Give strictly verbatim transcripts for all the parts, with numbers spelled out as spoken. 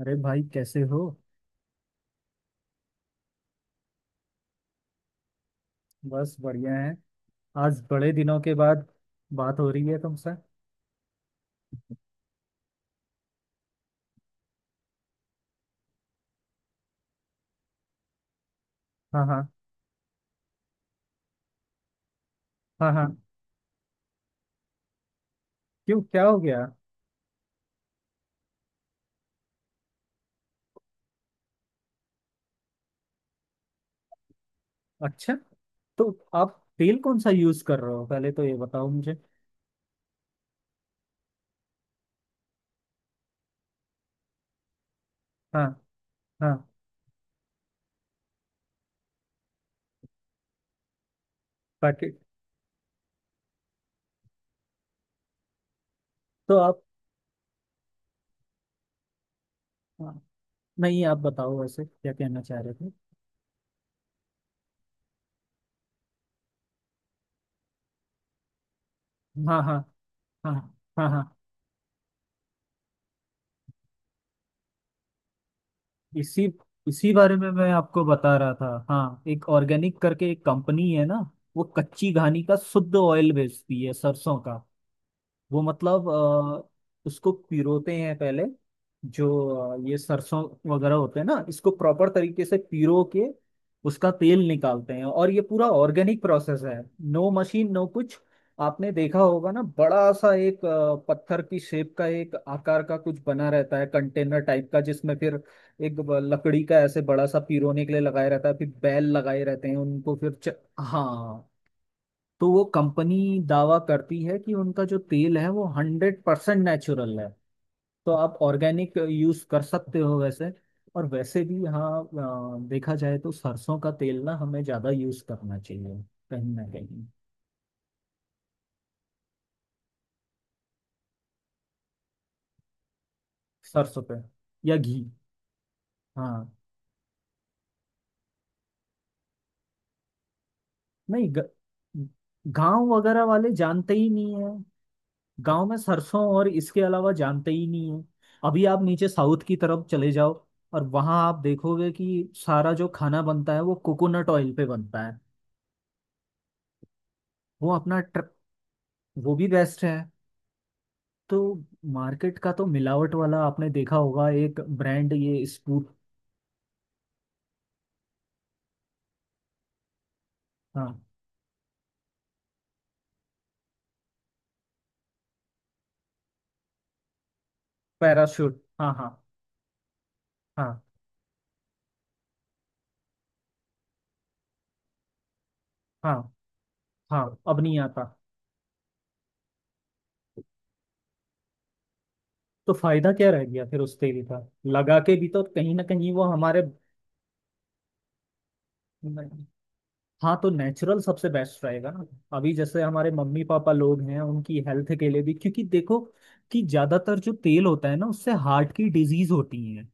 अरे भाई, कैसे हो। बस बढ़िया है। आज बड़े दिनों के बाद बात हो रही है तुमसे। हाँ हाँ। हाँ हाँ। क्यों, क्या हो गया। अच्छा, तो आप तेल कौन सा यूज कर रहे हो, पहले तो ये बताओ मुझे। हाँ हाँ। पैकेट। तो आप। हाँ, नहीं आप बताओ वैसे क्या कहना चाह रहे थे। हाँ हाँ। हाँ हाँ हाँ। इसी इसी बारे में मैं आपको बता रहा था। हाँ, एक ऑर्गेनिक करके एक कंपनी है ना, वो कच्ची घानी का शुद्ध ऑयल बेचती है सरसों का। वो मतलब अ, उसको पिरोते हैं पहले। जो अ, ये सरसों वगैरह होते हैं ना, इसको प्रॉपर तरीके से पिरो के उसका तेल निकालते हैं, और ये पूरा ऑर्गेनिक प्रोसेस है। नो मशीन, नो कुछ। आपने देखा होगा ना, बड़ा सा एक अ, पत्थर की शेप का एक आकार का कुछ बना रहता है, कंटेनर टाइप का, जिसमें फिर एक ब- लकड़ी का ऐसे बड़ा सा पिरोने के लिए लगाया रहता है, फिर बैल लगाए रहते हैं उनको, फिर च... हाँ। तो वो कंपनी दावा करती है कि उनका जो तेल है वो हंड्रेड परसेंट नेचुरल है। तो आप ऑर्गेनिक यूज कर सकते हो वैसे। और वैसे भी हाँ, अ, देखा जाए तो सरसों का तेल ना हमें ज्यादा यूज करना चाहिए कहीं ना कहीं। सरसों पे या घी। हाँ। नहीं ग- गांव वगैरह वाले जानते ही नहीं है। गांव में सरसों, और इसके अलावा जानते ही नहीं है। अभी आप नीचे साउथ की तरफ चले जाओ, और वहां आप देखोगे कि सारा जो खाना बनता है वो कोकोनट ऑयल पे बनता है। वो अपना ट्र... वो भी बेस्ट है। तो मार्केट का तो मिलावट वाला आपने देखा होगा, एक ब्रांड ये स्पूट। हाँ, पैराशूट। हाँ हाँ। हाँ हाँ। हाँ, अब नहीं आता। तो फायदा क्या रह गया फिर उस तेल का। लगा के भी तो कहीं ना कहीं वो हमारे। हाँ, तो नेचुरल सबसे बेस्ट रहेगा ना। अभी जैसे हमारे मम्मी पापा लोग हैं, उनकी हेल्थ के लिए भी, क्योंकि देखो कि ज्यादातर जो तेल होता है ना, उससे हार्ट की डिजीज होती है।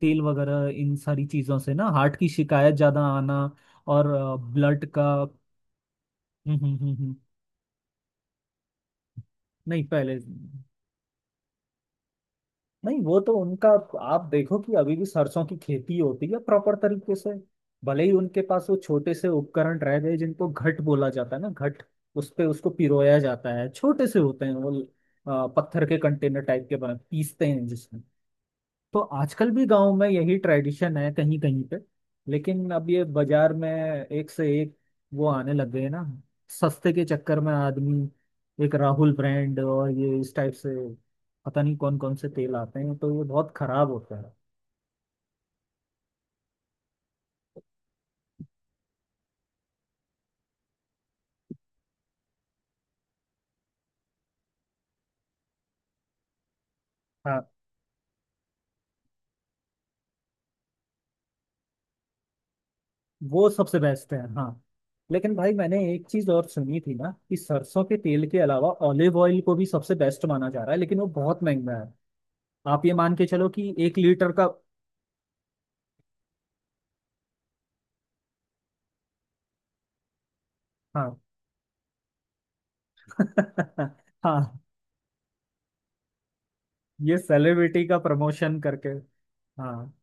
तेल वगैरह इन सारी चीजों से ना हार्ट की शिकायत ज्यादा आना। और ब्लड का। हम्म। हम्म हम्म हम्म। नहीं पहले। नहीं, वो तो उनका। आप देखो कि अभी भी सरसों की खेती होती है प्रॉपर तरीके से। भले ही उनके पास वो छोटे से उपकरण रह गए जिनको घट बोला जाता है ना, घट। उस पे उसको पिरोया जाता है। छोटे से होते हैं वो अ, पत्थर के कंटेनर टाइप के बने, पीसते हैं जिसमें। तो आजकल भी गांव में यही ट्रेडिशन है कहीं कहीं पे। लेकिन अब ये बाजार में एक से एक वो आने लग गए ना, सस्ते के चक्कर में आदमी। एक राहुल ब्रांड और ये इस टाइप से, पता नहीं कौन कौन से तेल आते हैं, तो ये बहुत खराब होता है। हाँ, वो सबसे बेस्ट है। हाँ, लेकिन भाई मैंने एक चीज और सुनी थी ना, कि सरसों के तेल के अलावा ऑलिव ऑयल को भी सबसे बेस्ट माना जा रहा है, लेकिन वो बहुत महंगा है। आप ये मान के चलो कि एक लीटर का। हाँ। हाँ, ये सेलिब्रिटी का प्रमोशन करके। हाँ,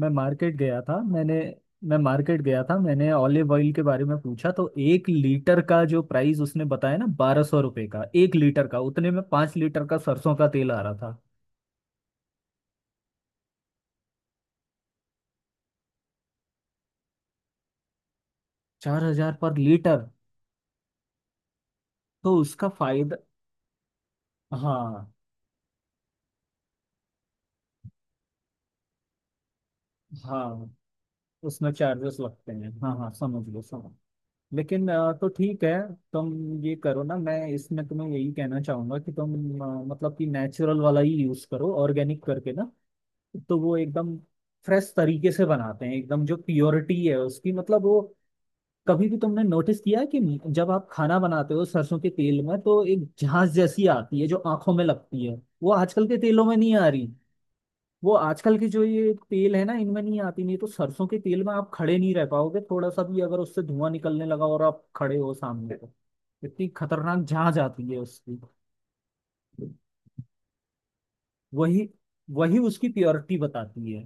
मैं मार्केट गया था मैंने मैं मार्केट गया था, मैंने ऑलिव ऑयल के बारे में पूछा, तो एक लीटर का जो प्राइस उसने बताया ना, बारह सौ रुपये का एक लीटर का, उतने में पाँच लीटर का सरसों का तेल आ रहा था। चार हजार पर लीटर। तो उसका फायदा। हाँ हाँ, उसमें चार्जेस लगते हैं। हाँ हाँ, समझ लो, समझ। लेकिन अ, तो ठीक है। तुम ये करो ना, मैं इसमें तुम्हें यही कहना चाहूंगा कि तुम अ, मतलब कि नेचुरल वाला ही यूज करो, ऑर्गेनिक करके ना। तो वो एकदम फ्रेश तरीके से बनाते हैं, एकदम जो प्योरिटी है उसकी, मतलब वो। कभी भी तुमने नोटिस किया है कि जब आप खाना बनाते हो सरसों के तेल में, तो एक झांस जैसी आती है जो आंखों में लगती है। वो आजकल के तेलों में नहीं आ रही। वो आजकल की जो ये तेल है ना, इनमें नहीं आती, नहीं तो सरसों के तेल में आप खड़े नहीं रह पाओगे। थोड़ा सा भी अगर उससे धुआं निकलने लगा और आप खड़े हो सामने, तो इतनी खतरनाक झांझ आती है उसकी। वही वही उसकी प्योरिटी बताती है।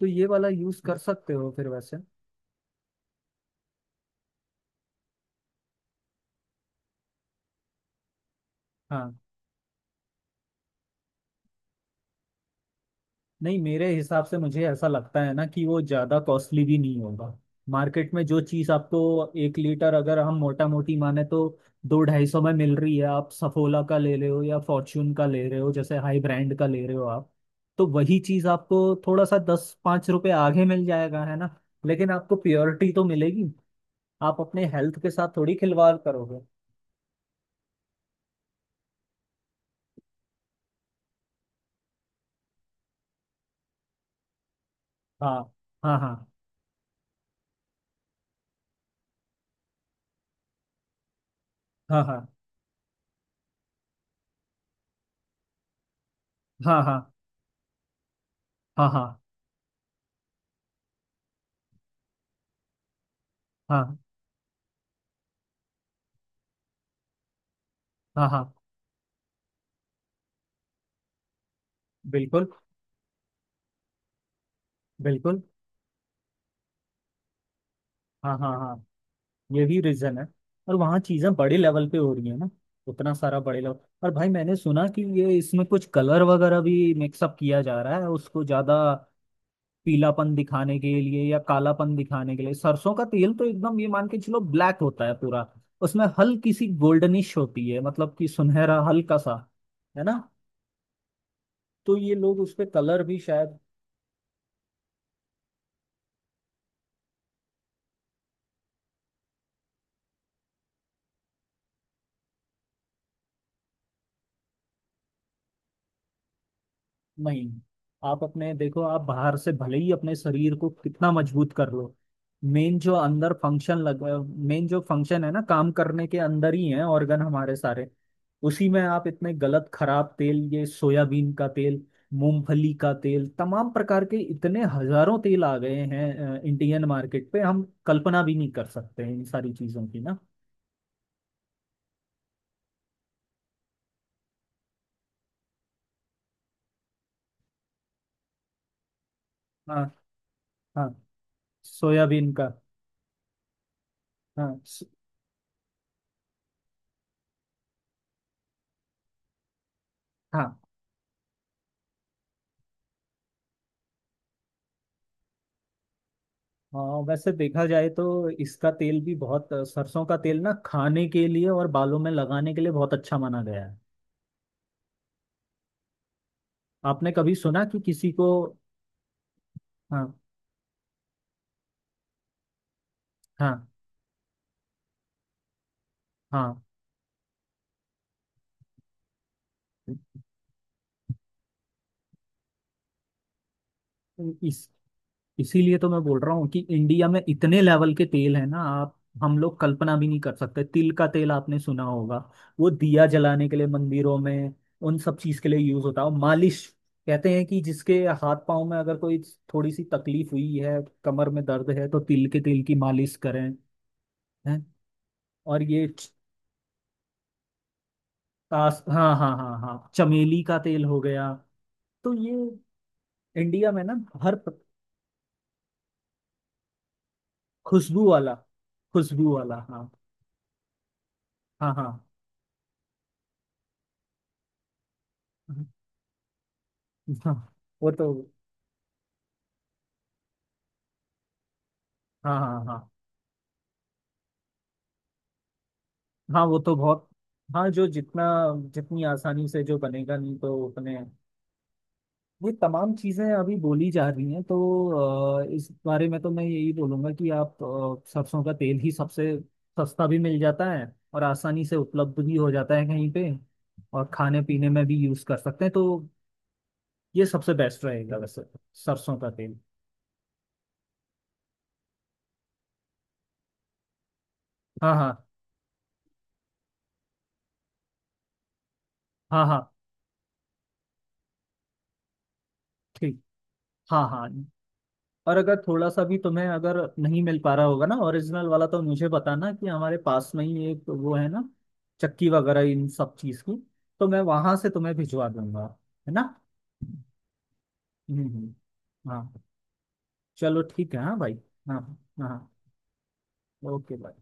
तो ये वाला यूज कर सकते हो फिर वैसे। हाँ, नहीं, मेरे हिसाब से मुझे ऐसा लगता है ना कि वो ज़्यादा कॉस्टली भी नहीं होगा। मार्केट में जो चीज़ आपको, एक लीटर अगर हम मोटा मोटी माने तो दो ढाई सौ में मिल रही है, आप सफोला का ले रहे हो या फॉर्च्यून का ले रहे हो, जैसे हाई ब्रांड का ले रहे हो आप। तो वही चीज़ आपको थोड़ा सा दस पाँच रुपये आगे मिल जाएगा, है ना। लेकिन आपको प्योरिटी तो मिलेगी। आप अपने हेल्थ के साथ थोड़ी खिलवाड़ करोगे। हाँ हाँ हाँ हाँ हाँ हाँ हाँ हाँ हाँ हाँ हाँ हाँ हाँ, बिल्कुल। बिल्कुल। हाँ हाँ हाँ। ये भी रीजन है। और वहाँ चीजें बड़े लेवल पे हो रही है ना, उतना सारा बड़े लेवल। और भाई मैंने सुना कि ये इसमें कुछ कलर वगैरह भी मिक्सअप किया जा रहा है, उसको ज्यादा पीलापन दिखाने के लिए या कालापन दिखाने के लिए। सरसों का तेल तो एकदम ये मान के चलो ब्लैक होता है पूरा, उसमें हल्की सी गोल्डनिश होती है, मतलब कि सुनहरा हल्का सा, है ना। तो ये लोग उस पे कलर भी शायद। नहीं, आप अपने देखो, आप बाहर से भले ही अपने शरीर को कितना मजबूत कर लो, मेन जो अंदर फंक्शन लग मेन जो फंक्शन है ना काम करने के, अंदर ही है ऑर्गन हमारे सारे। उसी में आप इतने गलत खराब तेल, ये सोयाबीन का तेल, मूंगफली का तेल, तमाम प्रकार के इतने हजारों तेल आ गए हैं इंडियन मार्केट पे, हम कल्पना भी नहीं कर सकते हैं इन सारी चीजों की ना। हाँ हाँ। सोयाबीन का। हाँ स- हाँ हाँ। वैसे देखा जाए तो इसका तेल भी बहुत अ, सरसों का तेल ना खाने के लिए और बालों में लगाने के लिए बहुत अच्छा माना गया है। आपने कभी सुना कि किसी को। हाँ हाँ हाँ। इस इसीलिए तो मैं बोल रहा हूँ कि इंडिया में इतने लेवल के तेल है ना आप, हम लोग कल्पना भी नहीं कर सकते। तिल का तेल आपने सुना होगा, वो दिया जलाने के लिए मंदिरों में उन सब चीज के लिए यूज होता है, और मालिश। कहते हैं कि जिसके हाथ पांव में अगर कोई थोड़ी सी तकलीफ हुई है, कमर में दर्द है, तो तिल के तेल की मालिश करें। हैं। और ये च- आस, हाँ हाँ हाँ हाँ। चमेली का तेल हो गया। तो ये इंडिया में ना, हर प- खुशबू वाला, खुशबू वाला हाँ। हाँ हाँ। हाँ। वो तो, हाँ हाँ हाँ। हाँ, वो तो बहुत। हाँ, जो जितना जितनी आसानी से जो बनेगा नहीं तो उतने। ये तमाम चीज़ें अभी बोली जा रही हैं, तो अ, इस बारे में तो मैं यही बोलूँगा कि आप अ, सरसों का तेल ही सबसे, सस्ता भी मिल जाता है और आसानी से उपलब्ध भी हो जाता है कहीं पे, और खाने पीने में भी यूज़ कर सकते हैं। तो ये सबसे बेस्ट रहेगा वैसे तो, सरसों का तेल। हाँ हाँ हाँ हाँ। ठीक। हाँ हाँ। और अगर थोड़ा सा भी तुम्हें अगर नहीं मिल पा रहा होगा ना ओरिजिनल वाला, तो मुझे बताना, कि हमारे पास में ही एक वो है ना, चक्की वगैरह इन सब चीज की, तो मैं वहां से तुम्हें भिजवा दूंगा, है ना। हम्म हम्म, हाँ। चलो ठीक है, हाँ भाई। हाँ हाँ। ओके।